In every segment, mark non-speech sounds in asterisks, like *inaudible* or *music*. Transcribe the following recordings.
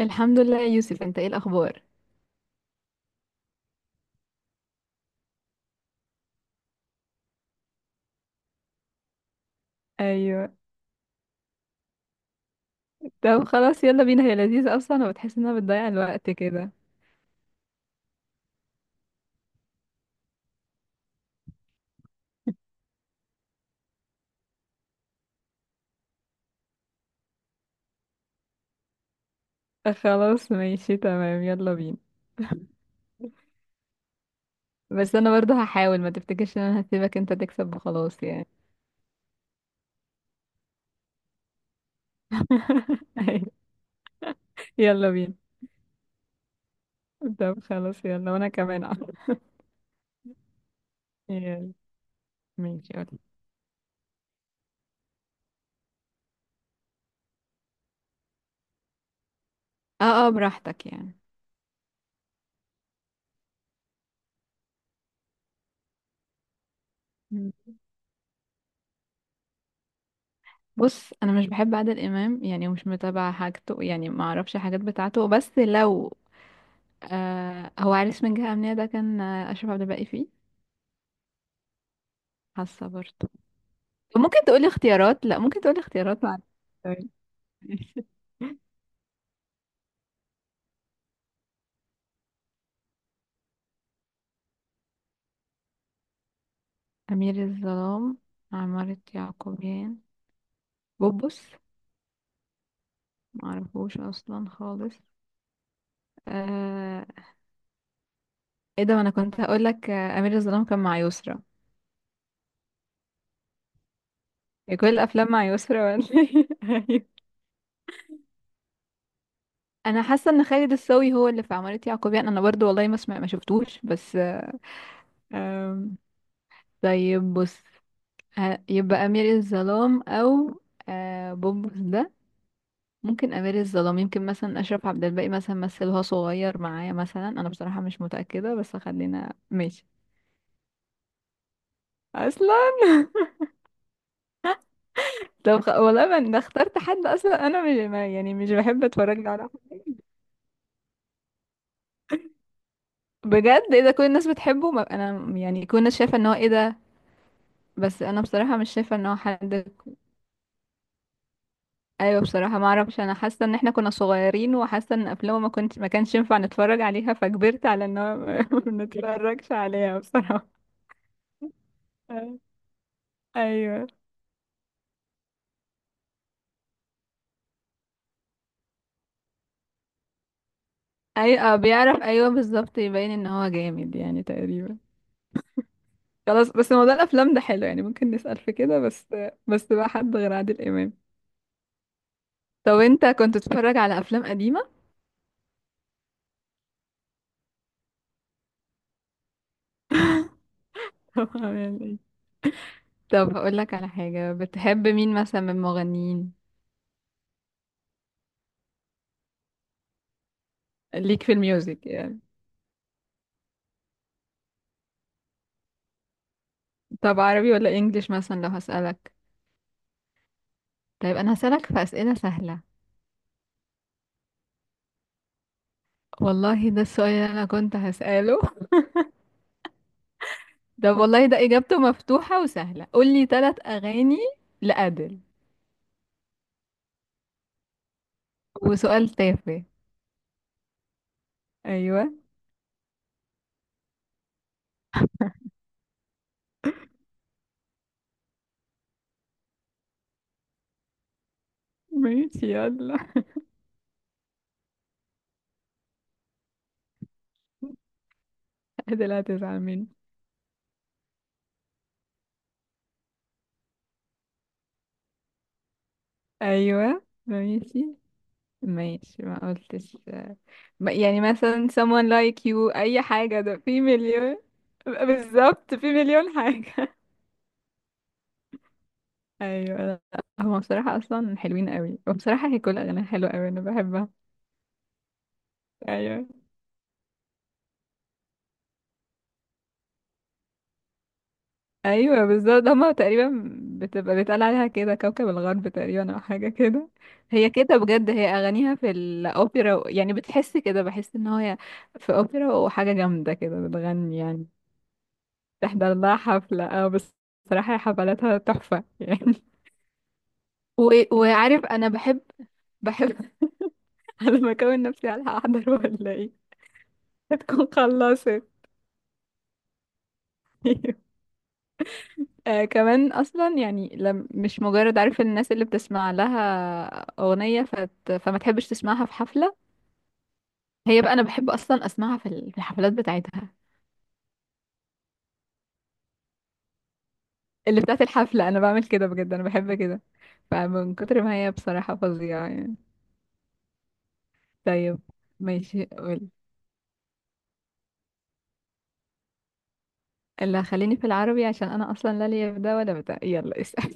الحمد لله يا يوسف، انت ايه الاخبار؟ ايوه. طب خلاص يلا بينا، هي لذيذة اصلا وبتحس انها بتضيع الوقت كده. خلاص ماشي تمام يلا بينا. بس انا برضه هحاول ما تفتكرش ان انا هسيبك انت تكسب وخلاص يعني. *laughs* أيوة، يلا بينا. طب خلاص يلا وانا كمان أهو. يلا ماشي يلا. اه اه براحتك يعني. مم. بص انا مش بحب عادل امام يعني مش متابعه حاجته يعني ما اعرفش حاجات بتاعته، بس لو آه هو عريس من جهه امنيه ده كان، اشرف عبد الباقي فيه. حاسة برضه. ممكن تقولي اختيارات؟ لا ممكن تقولي اختيارات معلش. سوري. *laughs* أمير الظلام، عمارة يعقوبيان، بوبوس. معرفوش أصلا خالص. آه... ايه ده، ما أنا كنت هقولك، أمير الظلام كان مع يسرا. هي كل الأفلام مع يسرا ولا إيه؟ *laughs* أيوة. أنا حاسة إن خالد الصاوي هو اللي في عمارة يعقوبيان، أنا برضو والله ما سمع ما شفتوش بس آم، طيب بص، يبقى أمير الظلام أو بوبوس ده. ممكن امير الظلام، يمكن مثلا اشرف عبد الباقي مثلا مثلها صغير معايا مثلا، انا بصراحه مش متاكده بس خلينا ماشي. اصلا. *laughs* والله ما انا اخترت حد اصلا، انا مش ما يعني مش بحب اتفرج له على حد. بجد ايه ده، كل الناس بتحبه؟ ما انا يعني كل الناس شايفه ان هو ايه ده. بس انا بصراحه مش شايفه ان هو حد. ايوه بصراحه ما اعرفش، انا حاسه ان احنا كنا صغيرين وحاسه ان افلامه ما كانش ينفع نتفرج عليها، فكبرت على ان هو *laughs* ما نتفرجش عليها بصراحه. *laughs* ايوه. اي اه بيعرف، ايوه بالظبط يبين ان هو جامد يعني تقريبا. خلاص بس موضوع الافلام ده حلو يعني، ممكن نسأل في كده بس. بس بقى حد غير عادل امام. طب انت كنت بتتفرج على افلام قديمه؟ *laughs* طبعا يعني. طب هقول لك على حاجه، بتحب مين مثلا من المغنيين؟ ليك في الميوزك يعني. طب عربي ولا انجليش مثلا لو هسألك؟ طيب انا هسألك في اسئله سهله. والله ده السؤال اللي انا كنت هسأله. *laughs* طب والله ده اجابته مفتوحه وسهله، قول لي ثلاث اغاني لأديل. وسؤال تافه. ايوه ماشي يلا. *laughs* ادي لا تزعل مني. ايوه ماشي ماشي ما قلتش. يعني مثلا someone like you، اي حاجة، ده في مليون. بالظبط، في مليون حاجة. *laughs* ايوه لا، هما بصراحة اصلا حلوين قوي، وبصراحة هي كل اغانيها حلوة قوي انا بحبها. ايوه ايوه بالظبط هما تقريبا. بتبقى بيتقال عليها كده كوكب الغرب تقريبا او حاجه كده. هي كده بجد، هي اغانيها في الاوبرا يعني بتحس كده، بحس ان هي في اوبرا وحاجه جامده كده بتغني يعني. تحضر لها حفله اه بس. بصراحه حفلاتها تحفه يعني. *laughs* و... وعارف انا بحب بحب *laughs* على ما اكون نفسي على احضر ولا ايه؟ هتكون خلصت. *laughs* آه كمان اصلا يعني لم، مش مجرد عارف الناس اللي بتسمع لها اغنيه فت فما تحبش تسمعها في حفله. هي بقى انا بحب اصلا اسمعها في في الحفلات بتاعتها. اللي بتاعت الحفله انا بعمل كده بجد، انا بحب كده. فمن كتر ما هي بصراحه فظيعه يعني. طيب ماشي قول. اللي هخليني في العربي عشان انا اصلا لا ليا في ده ولا بتاع، يلا اسال.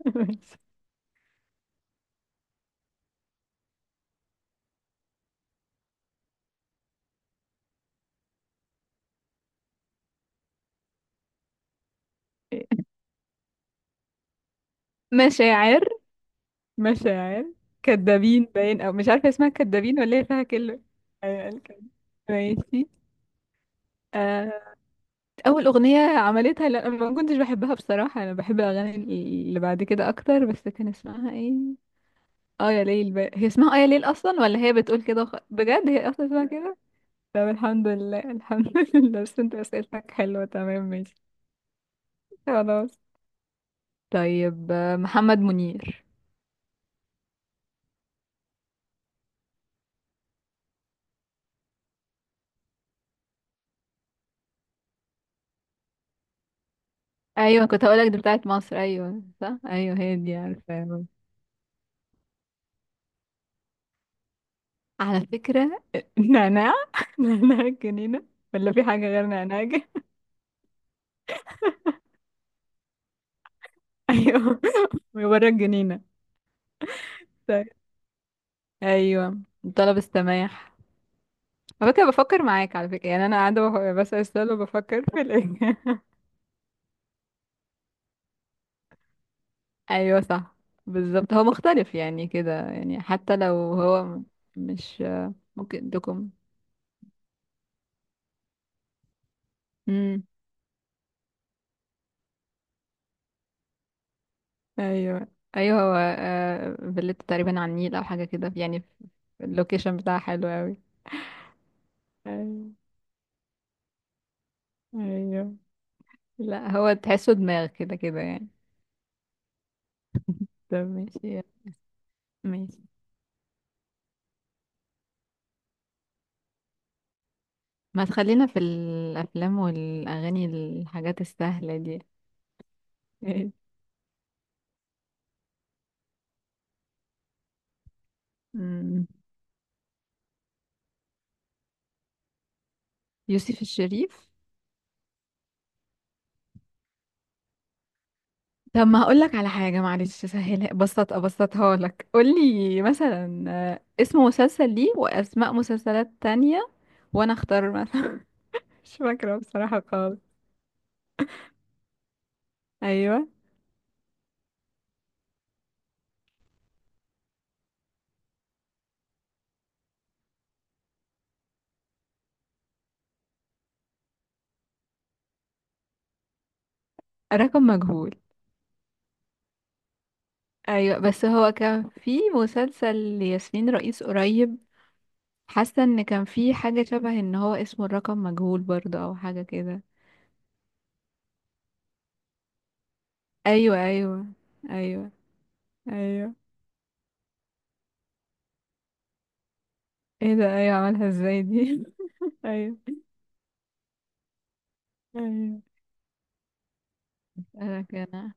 *laughs* ماشي. مشاعر. مشاعر، كدابين باين، او مش عارفه اسمها كدابين ولا هي فيها كله. ايوه الكداب. ماشي. آه، اول اغنيه عملتها، لا ما كنتش بحبها بصراحه، انا بحب الاغاني اللي بعد كده اكتر، بس كان اسمها ايه؟ اه يا ليل بقى. هي اسمها اه يا ليل اصلا، ولا هي بتقول كده بجد هي اصلا اسمها كده. طب الحمد لله الحمد *laughs* لله، بس انت اسئلتك حلوه تمام ماشي. خلاص. طيب محمد منير. ايوه كنت هقولك دي بتاعت مصر، ايوه صح ايوه هي دي عارفه. على فكره *laughs* نعناع. نعناع الجنينه. ولا في حاجه غير نعناع؟ *laughs* ايوه. وورا الجنينه. طيب. ايوه الطلب السماح. على فكرة بفكر معاك على فكرة يعني، انا قاعدة بسأل سؤال وبفكر في الاجابة. *laughs* ايوه صح. بالظبط هو مختلف يعني كده، يعني حتى لو هو مش ممكن دوكم. امم. ايوه ايوه هو، فيلته تقريبا على النيل او حاجة كده يعني. اللوكيشن بتاعها حلو قوي. ايوه ايوه. لا هو تحسه دماغ كده كده يعني. طب ماشي ماشي. ما تخلينا في الافلام والاغاني، الحاجات السهلة دي. مم. يوسف الشريف. طب ما هقول لك على حاجة معلش سهلها، بسط ابسطها لك، قول لي مثلا اسم مسلسل ليه واسماء مسلسلات تانية وانا اختار مثلا. *laughs* مش فاكرة بصراحة خالص. ايوه رقم مجهول. ايوه بس هو كان في مسلسل لياسمين رئيس قريب. حاسة ان كان في حاجة شبه ان هو اسمه الرقم مجهول برضه او حاجة كده. ايوه ايوه. ايوه ايوه ايه ده، ايوه عملها ازاي دي. *laughs* ايوه. أيوة. انا كده.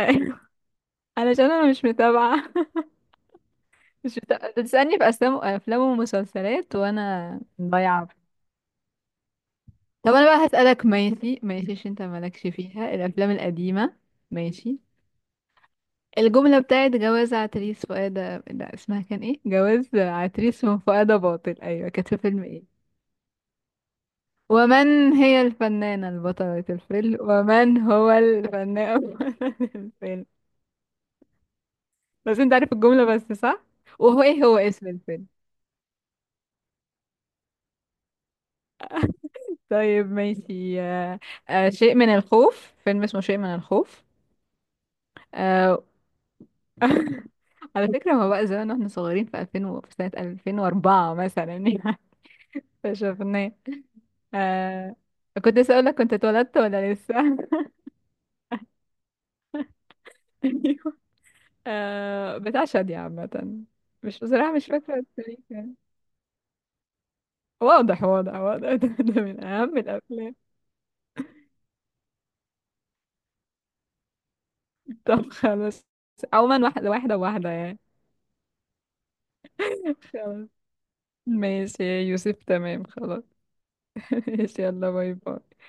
أيوة. علشان انا مش متابعة. *laughs* مش متابعة، أنت بتسألني في افلام افلام ومسلسلات وانا ضايعة. طب انا بقى هسألك، ماشي ماشي عشان انت مالكش فيها الافلام القديمة. ماشي. الجملة بتاعت جواز عتريس فؤاد، لا اسمها كان ايه، جواز عتريس من فؤاد باطل، ايوه، كانت في فيلم ايه؟ ومن هي الفنانة البطلة الفيلم، ومن هو الفنان *laughs* بطل الفيلم؟ بس انت عارف الجملة بس صح؟ وهو ايه هو اسم الفيلم؟ طيب ماشي. شيء من الخوف، فيلم اسمه شيء من الخوف. آه، *laughs* على فكرة ما بقى زمان واحنا صغيرين، في 2000 في سنة 2004 مثلا يعني. *laughs* فشفناه. آه... كنت لسه اقول لك كنت اتولدت ولا لسه. *laughs* ايوه. بتاع شادية عامة، مش بصراحة مش فاكرة التاريخ يعني. واضح واضح واضح. *laughs* ده, ده من أهم الأفلام. طب خلاص. عموما واحدة واحدة واحدة يعني. *laughs* خلاص. ماشي يا يوسف، تمام خلاص. *laughs* ماشي يلا باي باي.